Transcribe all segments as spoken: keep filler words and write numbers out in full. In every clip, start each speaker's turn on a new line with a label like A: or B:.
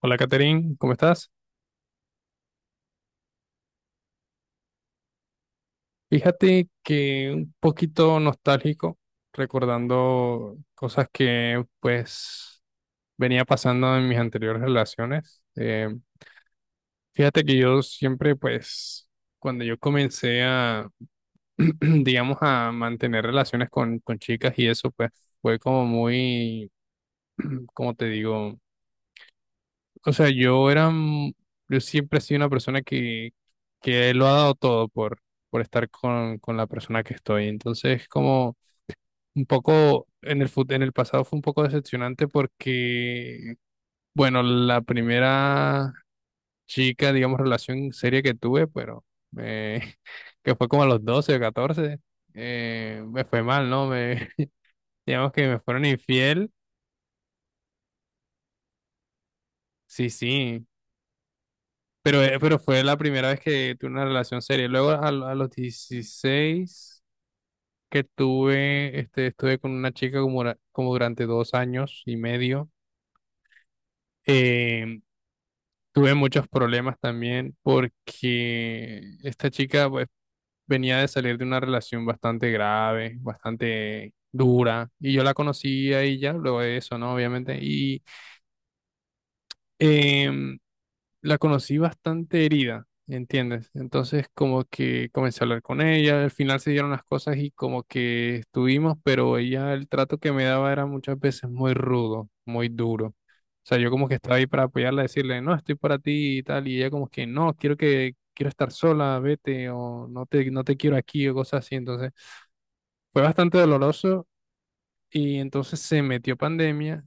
A: Hola, Catherine, ¿cómo estás? Fíjate que un poquito nostálgico, recordando cosas que pues venía pasando en mis anteriores relaciones. Eh, fíjate que yo siempre pues cuando yo comencé a, digamos, a mantener relaciones con, con chicas y eso pues fue como muy, como te digo? O sea, yo era, mm, yo siempre he sido una persona que, que lo ha dado todo por, por estar con, con la persona que estoy. Entonces, como un poco en el fut- en el pasado fue un poco decepcionante porque, bueno, la primera chica, digamos, relación seria que tuve, pero eh, que fue como a los doce o catorce. Eh, me fue mal, ¿no? Me, digamos que me fueron infiel. Sí, sí. Pero, eh, pero fue la primera vez que tuve una relación seria. Luego a, lo- a los dieciséis que tuve, este, estuve con una chica como, dura- como durante dos años y medio. Eh, Tuve muchos problemas también porque esta chica pues, venía de salir de una relación bastante grave, bastante dura. Y yo la conocí a ella luego de eso, ¿no? Obviamente. Y... em, la conocí bastante herida, ¿entiendes? Entonces como que comencé a hablar con ella, al final se dieron las cosas y como que estuvimos, pero ella el trato que me daba era muchas veces muy rudo, muy duro. O sea, yo como que estaba ahí para apoyarla, decirle, no, estoy para ti y tal, y ella como que, no, quiero que, quiero estar sola, vete, o no te, no te quiero aquí, o cosas así. Entonces fue bastante doloroso y entonces se metió pandemia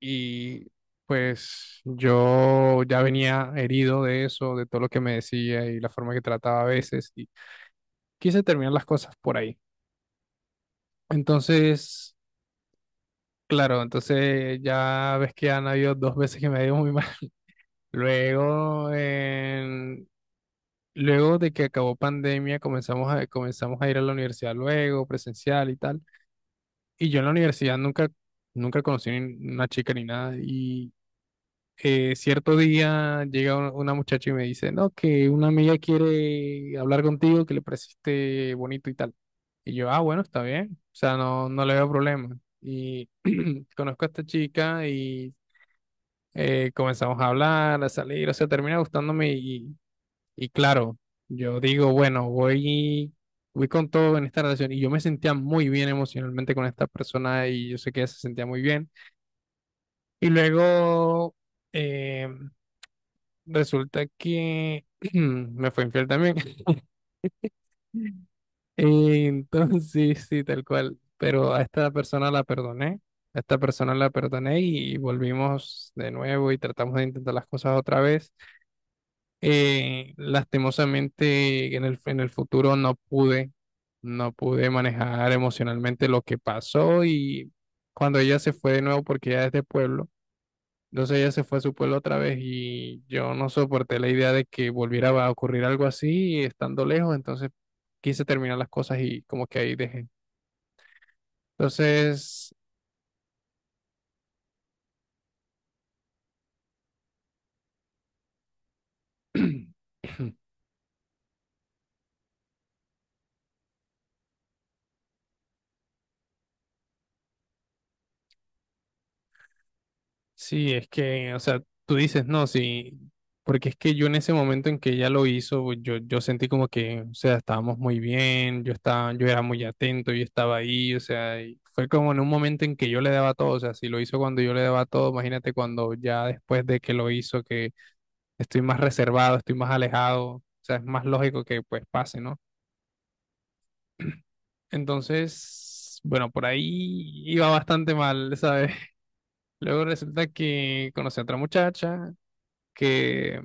A: y pues yo ya venía herido de eso, de todo lo que me decía y la forma que trataba a veces, y quise terminar las cosas por ahí. Entonces, claro, entonces ya ves que han habido dos veces que me ha ido muy mal. Luego, en- Luego de que acabó pandemia, comenzamos a, comenzamos a ir a la universidad luego, presencial y tal. Y yo en la universidad nunca, nunca conocí ni una chica ni nada, y eh, cierto día llega un- una muchacha y me dice, no, que una amiga quiere hablar contigo, que le pareciste bonito y tal. Y yo, ah, bueno, está bien. O sea, no, no le veo problema. Y conozco a esta chica y eh, comenzamos a hablar, a salir, o sea, termina gustándome y, y claro, yo digo, bueno, voy, voy con todo en esta relación y yo me sentía muy bien emocionalmente con esta persona y yo sé que ella se sentía muy bien. Y luego... em, Resulta que me fue infiel también. Entonces, sí, sí, tal cual. Pero a esta persona la perdoné. A esta persona la perdoné y volvimos de nuevo y tratamos de intentar las cosas otra vez. Eh, lastimosamente, en el, en el futuro no pude, no pude manejar emocionalmente lo que pasó y cuando ella se fue de nuevo, porque ella es de pueblo. Entonces ella se fue a su pueblo otra vez y yo no soporté la idea de que volviera a ocurrir algo así estando lejos, entonces quise terminar las cosas y como que ahí dejé. Entonces, sí, es que, o sea, tú dices no, sí, porque es que yo en ese momento en que ella lo hizo, pues, yo, yo sentí como que, o sea, estábamos muy bien, yo estaba, yo era muy atento, yo estaba ahí, o sea, y fue como en un momento en que yo le daba todo, o sea, si lo hizo cuando yo le daba todo, imagínate cuando ya después de que lo hizo, que estoy más reservado, estoy más alejado, o sea, es más lógico que pues pase, ¿no? Entonces, bueno, por ahí iba bastante mal, ¿sabes? Luego resulta que conocí a otra muchacha, que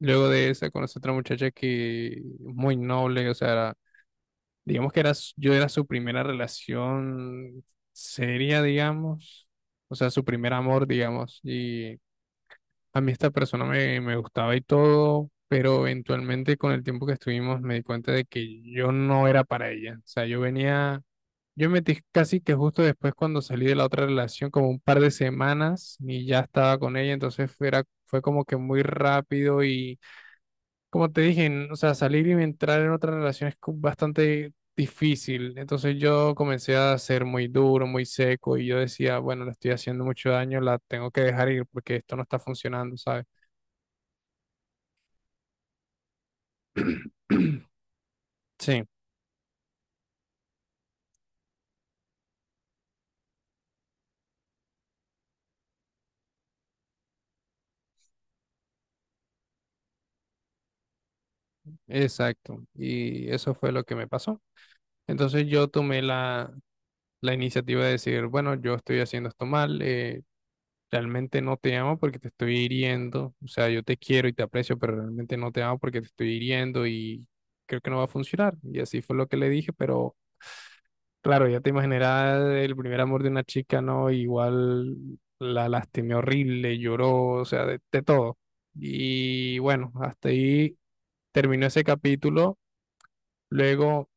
A: luego de esa conocí a otra muchacha que muy noble, o sea, era- digamos que era, s- yo era su primera relación seria, digamos, o sea, su primer amor, digamos, y a mí esta persona me, me gustaba y todo, pero eventualmente con el tiempo que estuvimos me di cuenta de que yo no era para ella. O sea, yo venía, yo me metí casi que justo después cuando salí de la otra relación, como un par de semanas y ya estaba con ella, entonces fue, era- fue como que muy rápido y como te dije, n- o sea, salir y entrar en otra relación es co- bastante difícil. Entonces yo comencé a ser muy duro, muy seco y yo decía, bueno, le estoy haciendo mucho daño, la tengo que dejar ir porque esto no está funcionando, ¿sabes? Sí, exacto. Y eso fue lo que me pasó. Entonces yo tomé la, la iniciativa de decir, bueno, yo estoy haciendo esto mal, eh, realmente no te amo porque te estoy hiriendo. O sea, yo te quiero y te aprecio, pero realmente no te amo porque te estoy hiriendo y creo que no va a funcionar. Y así fue lo que le dije, pero claro, ya te imaginarás el primer amor de una chica, ¿no? Igual la lastimé horrible, lloró, o sea, de de todo. Y bueno, hasta ahí terminó ese capítulo. Luego,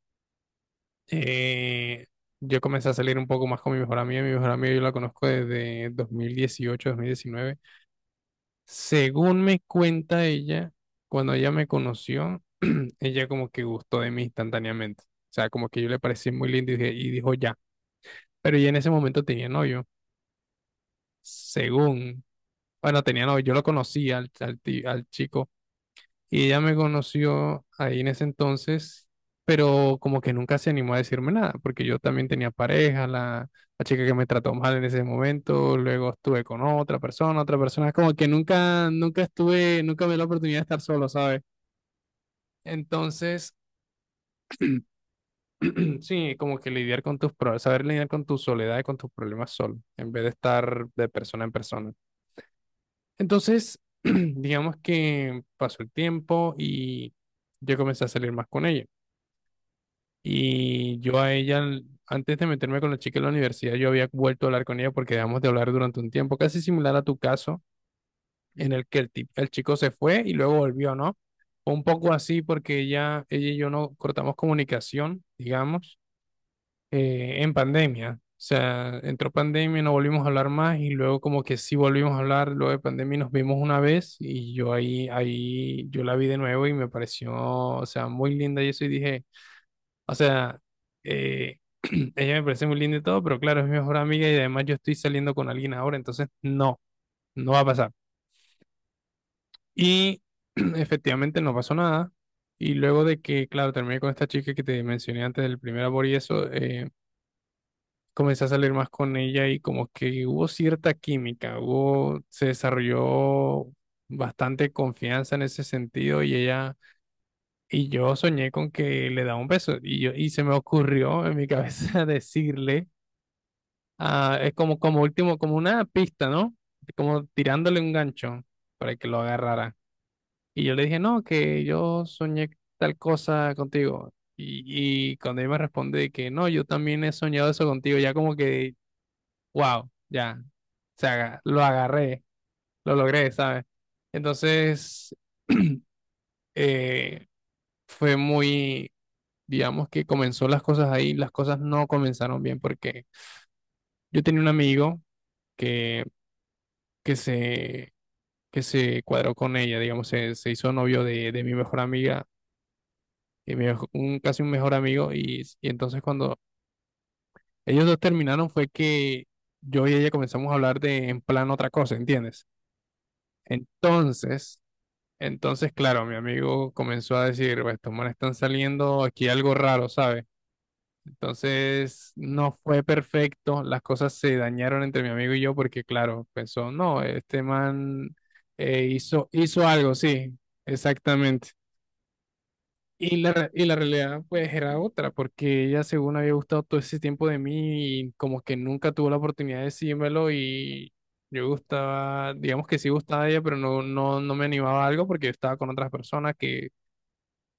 A: eh, yo comencé a salir un poco más con mi mejor amiga. Mi mejor amiga yo la conozco desde dos dos mil dieciocho, dos mil diecinueve. Según me cuenta ella, cuando ella me conoció, ella como que gustó de mí instantáneamente. O sea, como que yo le parecí muy lindo y, dije- y dijo ya. Pero ella en ese momento tenía novio. Según, bueno, tenía novio. Yo lo conocí al, al, ti- al chico. Y ella me conoció ahí en ese entonces, pero como que nunca se animó a decirme nada, porque yo también tenía pareja, la, la chica que me trató mal en ese momento, luego estuve con otra persona, otra persona, como que nunca, nunca estuve, nunca me dio la oportunidad de estar solo, ¿sabes? Entonces, sí, como que lidiar con tus problemas, saber lidiar con tu soledad y con tus problemas solo, en vez de estar de persona en persona. Entonces, digamos que pasó el tiempo y yo comencé a salir más con ella. Y yo a ella, antes de meterme con la chica en la universidad, yo había vuelto a hablar con ella porque dejamos de hablar durante un tiempo, casi similar a tu caso, en el que el, tip- el chico se fue y luego volvió, ¿no? Fue un poco así porque ella, ella y yo no cortamos comunicación, digamos, eh, en pandemia. O sea, entró pandemia, no volvimos a hablar más y luego como que sí volvimos a hablar, luego de pandemia nos vimos una vez y yo ahí, ahí, yo la vi de nuevo y me pareció, o sea, muy linda y eso y dije... O sea, eh, ella me parece muy linda y todo, pero claro, es mi mejor amiga y además yo estoy saliendo con alguien ahora, entonces no, no va a pasar. Y efectivamente no pasó nada. Y luego de que, claro, terminé con esta chica que te mencioné antes del primer amor y eso, eh, comencé a salir más con ella y como que hubo cierta química, hubo, se desarrolló bastante confianza en ese sentido y ella... Y yo soñé con que le daba un beso y, yo, y se me ocurrió en mi cabeza decirle, ah, es como, como último, como una pista, ¿no? Como tirándole un gancho para que lo agarrara. Y yo le dije, no, que yo soñé tal cosa contigo. Y, y cuando él me responde que no, yo también he soñado eso contigo, ya como que, wow, ya, o sea, lo agarré, lo logré, ¿sabes? Entonces, eh, fue muy, digamos que comenzó las cosas ahí, las cosas no comenzaron bien porque yo tenía un amigo que, que se que se cuadró con ella, digamos, se, se hizo novio de, de mi mejor amiga, de mi mejo- un, casi un mejor amigo, y, y entonces cuando ellos dos terminaron fue que yo y ella comenzamos a hablar de en plan otra cosa, ¿entiendes? Entonces, entonces, claro, mi amigo comenzó a decir, pues estos manes están saliendo aquí algo raro, ¿sabes? Entonces, no fue perfecto, las cosas se dañaron entre mi amigo y yo porque, claro, pensó, no, este man eh, hizo, hizo algo, sí, exactamente. Y la, re- y la realidad pues era otra, porque ella según había gustado todo ese tiempo de mí y como que nunca tuvo la oportunidad de decírmelo y yo gustaba, digamos que sí gustaba de ella, pero no, no, no me animaba a algo porque yo estaba con otras personas que,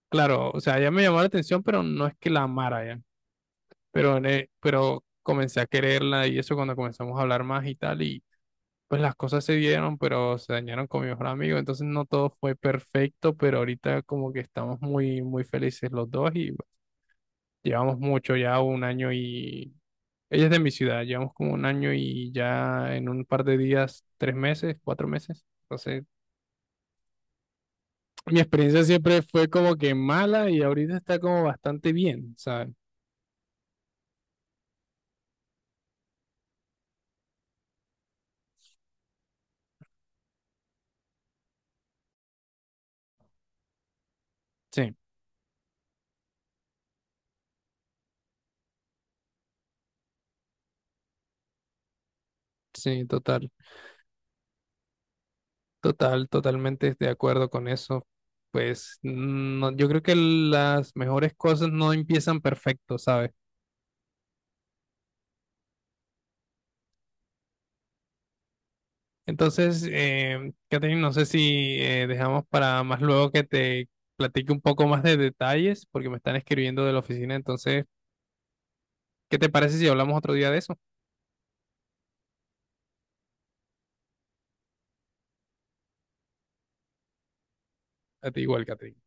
A: claro, o sea, ella me llamó la atención, pero no es que la amara ya, pero, le- pero comencé a quererla y eso cuando comenzamos a hablar más y tal y pues las cosas se dieron, pero se dañaron con mi mejor amigo, entonces no todo fue perfecto, pero ahorita como que estamos muy, muy felices los dos y... Llevamos mucho, ya un año y... Ella es de mi ciudad, llevamos como un año y ya en un par de días, tres meses, cuatro meses. Entonces, mi experiencia siempre fue como que mala y ahorita está como bastante bien, ¿sabes? Sí, sí, total, total, totalmente de acuerdo con eso. Pues no, yo creo que las mejores cosas no empiezan perfecto, ¿sabes? Entonces, eh, Catherine, no sé si eh, dejamos para más luego que te platique un poco más de detalles, porque me están escribiendo de la oficina. Entonces, ¿qué te parece si hablamos otro día de eso? A ti igual, Catherine.